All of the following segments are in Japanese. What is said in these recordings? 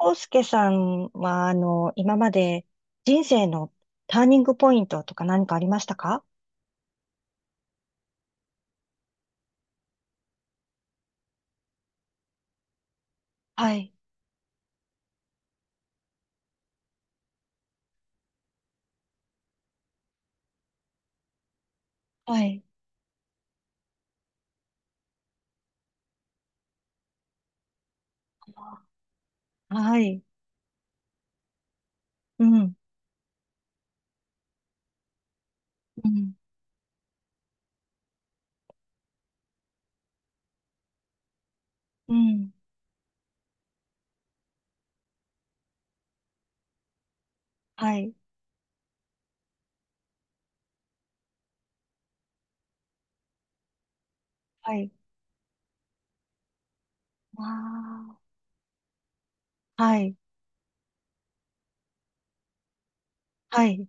康介さんは、今まで人生のターニングポイントとか何かありましたか？はい、はい、はい、うん、うん、うん、はい、はい、わあ、はい、はい、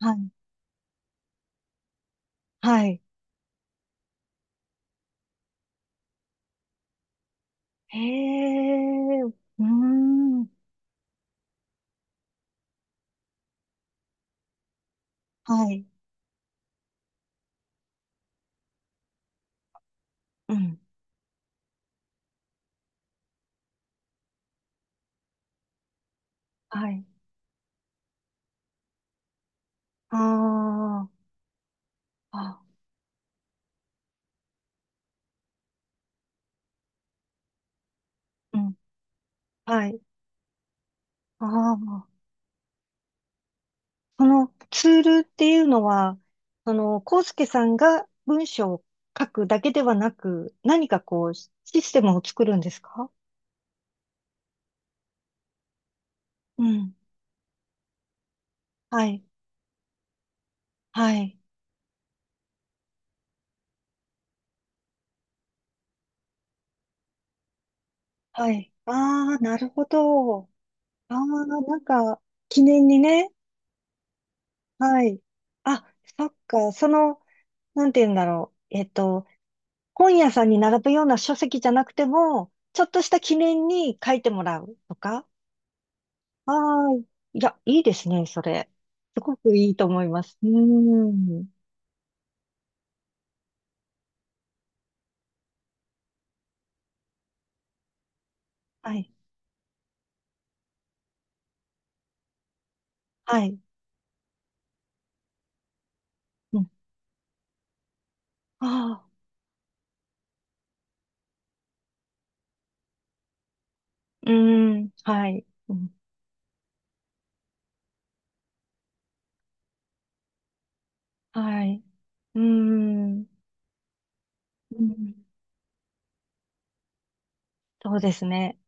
はい、はい、へえ、うーん、はい、うん、はい、ああ、あ、うん、はい、ああ、そのツールっていうのは、コウスケさんが文章を書くだけではなく、何かこう、システムを作るんですか？うん。はい。はい。はい。ああ、なるほど。ああ、なんか、記念にね。はい。あ、そっか。なんて言うんだろう。本屋さんに並ぶような書籍じゃなくても、ちょっとした記念に書いてもらうとか？はい。いや、いいですね、それ。すごくいいと思います。うーん。はい。はい。うん。ああ。うーん。はい。うん。はい。うーん。うん。そうですね。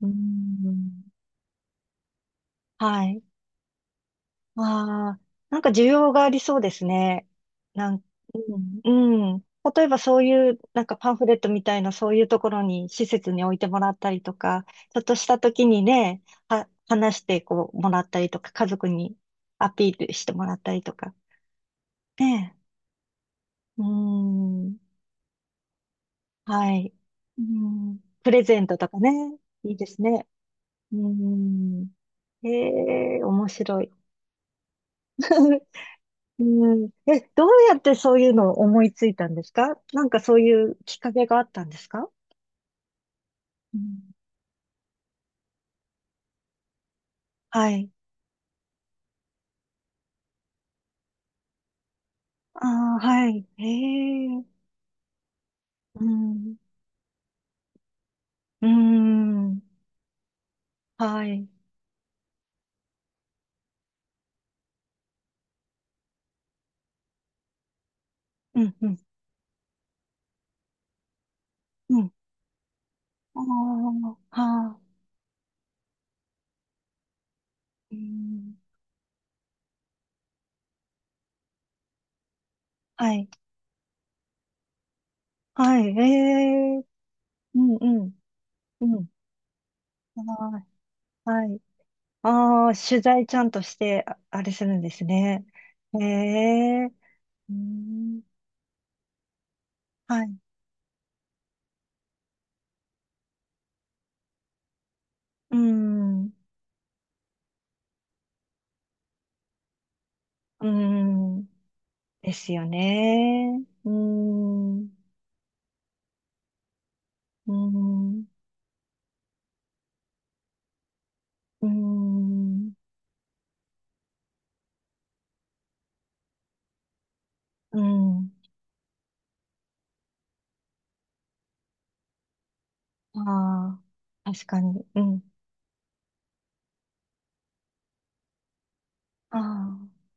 うーん。はい。ああ、なんか需要がありそうですね。なん、うん、うん。例えばそういう、なんかパンフレットみたいな、そういうところに、施設に置いてもらったりとか、ちょっとした時にね、話してこう、もらったりとか、家族にアピールしてもらったりとか、ねえ。うん、はい。うん、プレゼントとかね、いいですね。うん、ええ、面白い。うん。え、どうやってそういうのを思いついたんですか？なんかそういうきっかけがあったんですか？うん、はい。ああ、はい。へえ。うん。うん。はい。うん、うん、うん。ああ、はあ。うん。はい。はい。へえ。うん、うん、うん。はい。はい。ああ、取材ちゃんとして、あれするんですね。へえ。うん。はい。うん。うん。ですよね。うーん、うーん、うーん、うん。ああ、確かに。うん。ああ、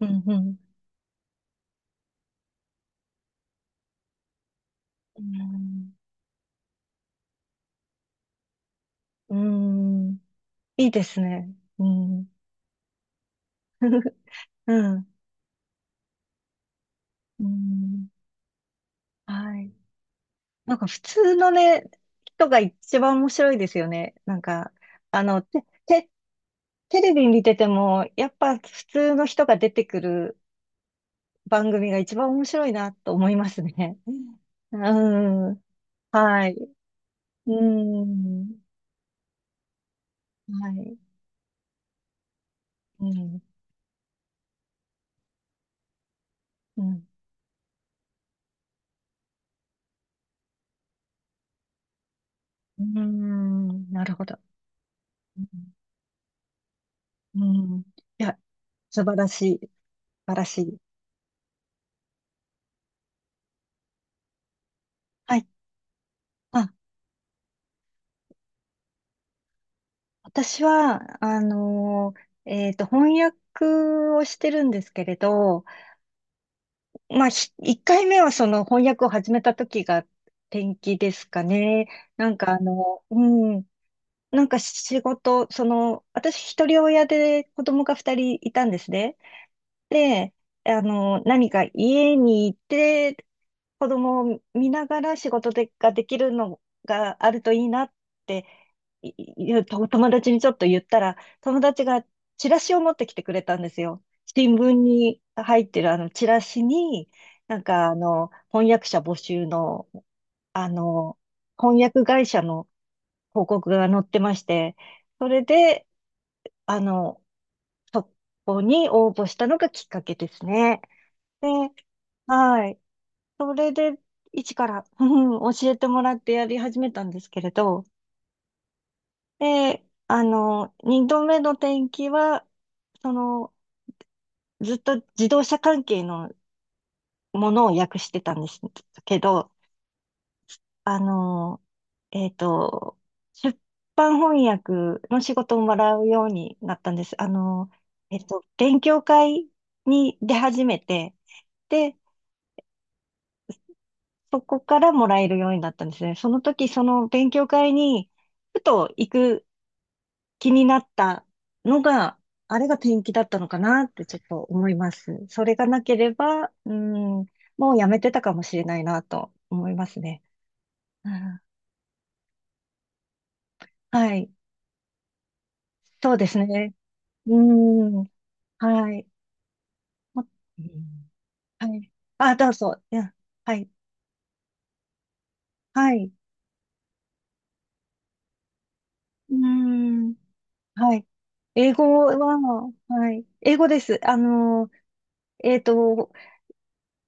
うん、うん、うん、うーん。いいですね。うん。うん、うん。はい。なんか普通のね、人が一番面白いですよね。なんか、あの、て、て、テレビに出ても、やっぱ普通の人が出てくる番組が一番面白いなと思いますね。うん。はい。うん。はい。うん。うん。うん。なるほど。うん。うん。いや、素晴らしい。素晴らしい。はい。あ、私は、翻訳をしてるんですけれど、まあ、一回目はその翻訳を始めた時が転機ですかね。なんか、うん。なんか仕事、私一人親で子供が二人いたんですね。で、何か家にいて子供を見ながら仕事でができるのがあるといいなっていいうと友達にちょっと言ったら、友達がチラシを持ってきてくれたんですよ。新聞に入ってるあのチラシに、なんか、翻訳者募集の、あの、翻訳会社の広告が載ってまして、それで、あの、そこに応募したのがきっかけですね。で、はい。それで、一から、うん教えてもらってやり始めたんですけれど、で、二度目の転機は、その、ずっと自動車関係のものを訳してたんですけど、あの、えっと、出版翻訳の仕事をもらうようになったんです。勉強会に出始めて、で、そこからもらえるようになったんですね。その時、その勉強会に、ふと行く気になったのが、あれが転機だったのかなってちょっと思います。それがなければ、うん、もうやめてたかもしれないなと思いますね。うん、はい。そうですね。うん、はい。もうん。はい。あ、どうぞ。いや、はい。はい。うん、はい。英語は、はい。英語です。えっと、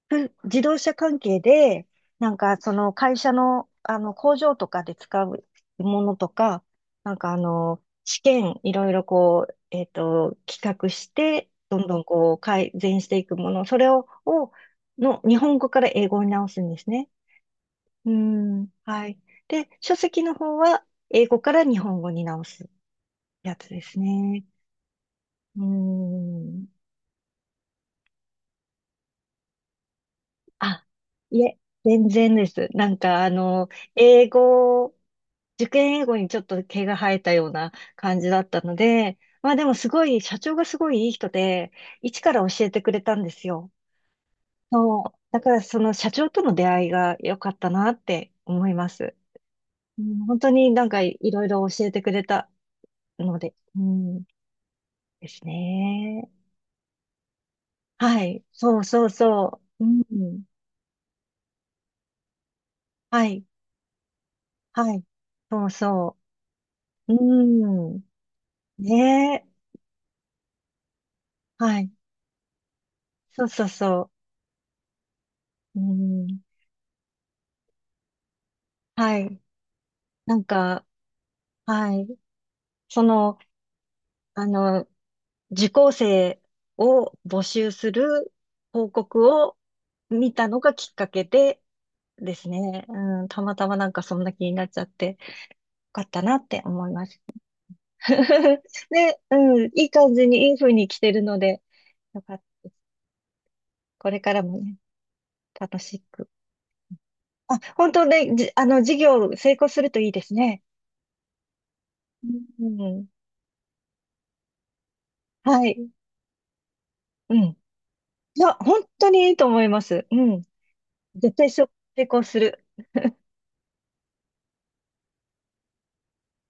自動車関係で、なんかその会社の、あの工場とかで使うものとか、なんか試験いろいろこう、企画して、どんどんこう改善していくもの、それをの日本語から英語に直すんですね。うん、はい。で、書籍の方は英語から日本語に直すやつですね。うん。あ、いえ、全然です。なんか、英語受験英語にちょっと毛が生えたような感じだったので、まあでもすごい、社長がすごいいい人で、一から教えてくれたんですよ。そう。だからその社長との出会いが良かったなって思います。うん、本当になんかいろいろ教えてくれたので、うん、ですね。はい。そうそうそう。うん。はい。はい。そうそう。うん。ねえ。はい。そうそうそう。うん。はい。なんか、はい。その、あの、受講生を募集する広告を見たのがきっかけでですね。うん、たまたまなんかそんな気になっちゃって、よかったなって思います。で、うん、いい感じに、いい風に来てるので、よかった。これからもね、楽しく。あ、本当ね、じ、あの、事業成功するといいですね。うん、はい。うん。いや、本当にいいと思います。うん。絶対成功する。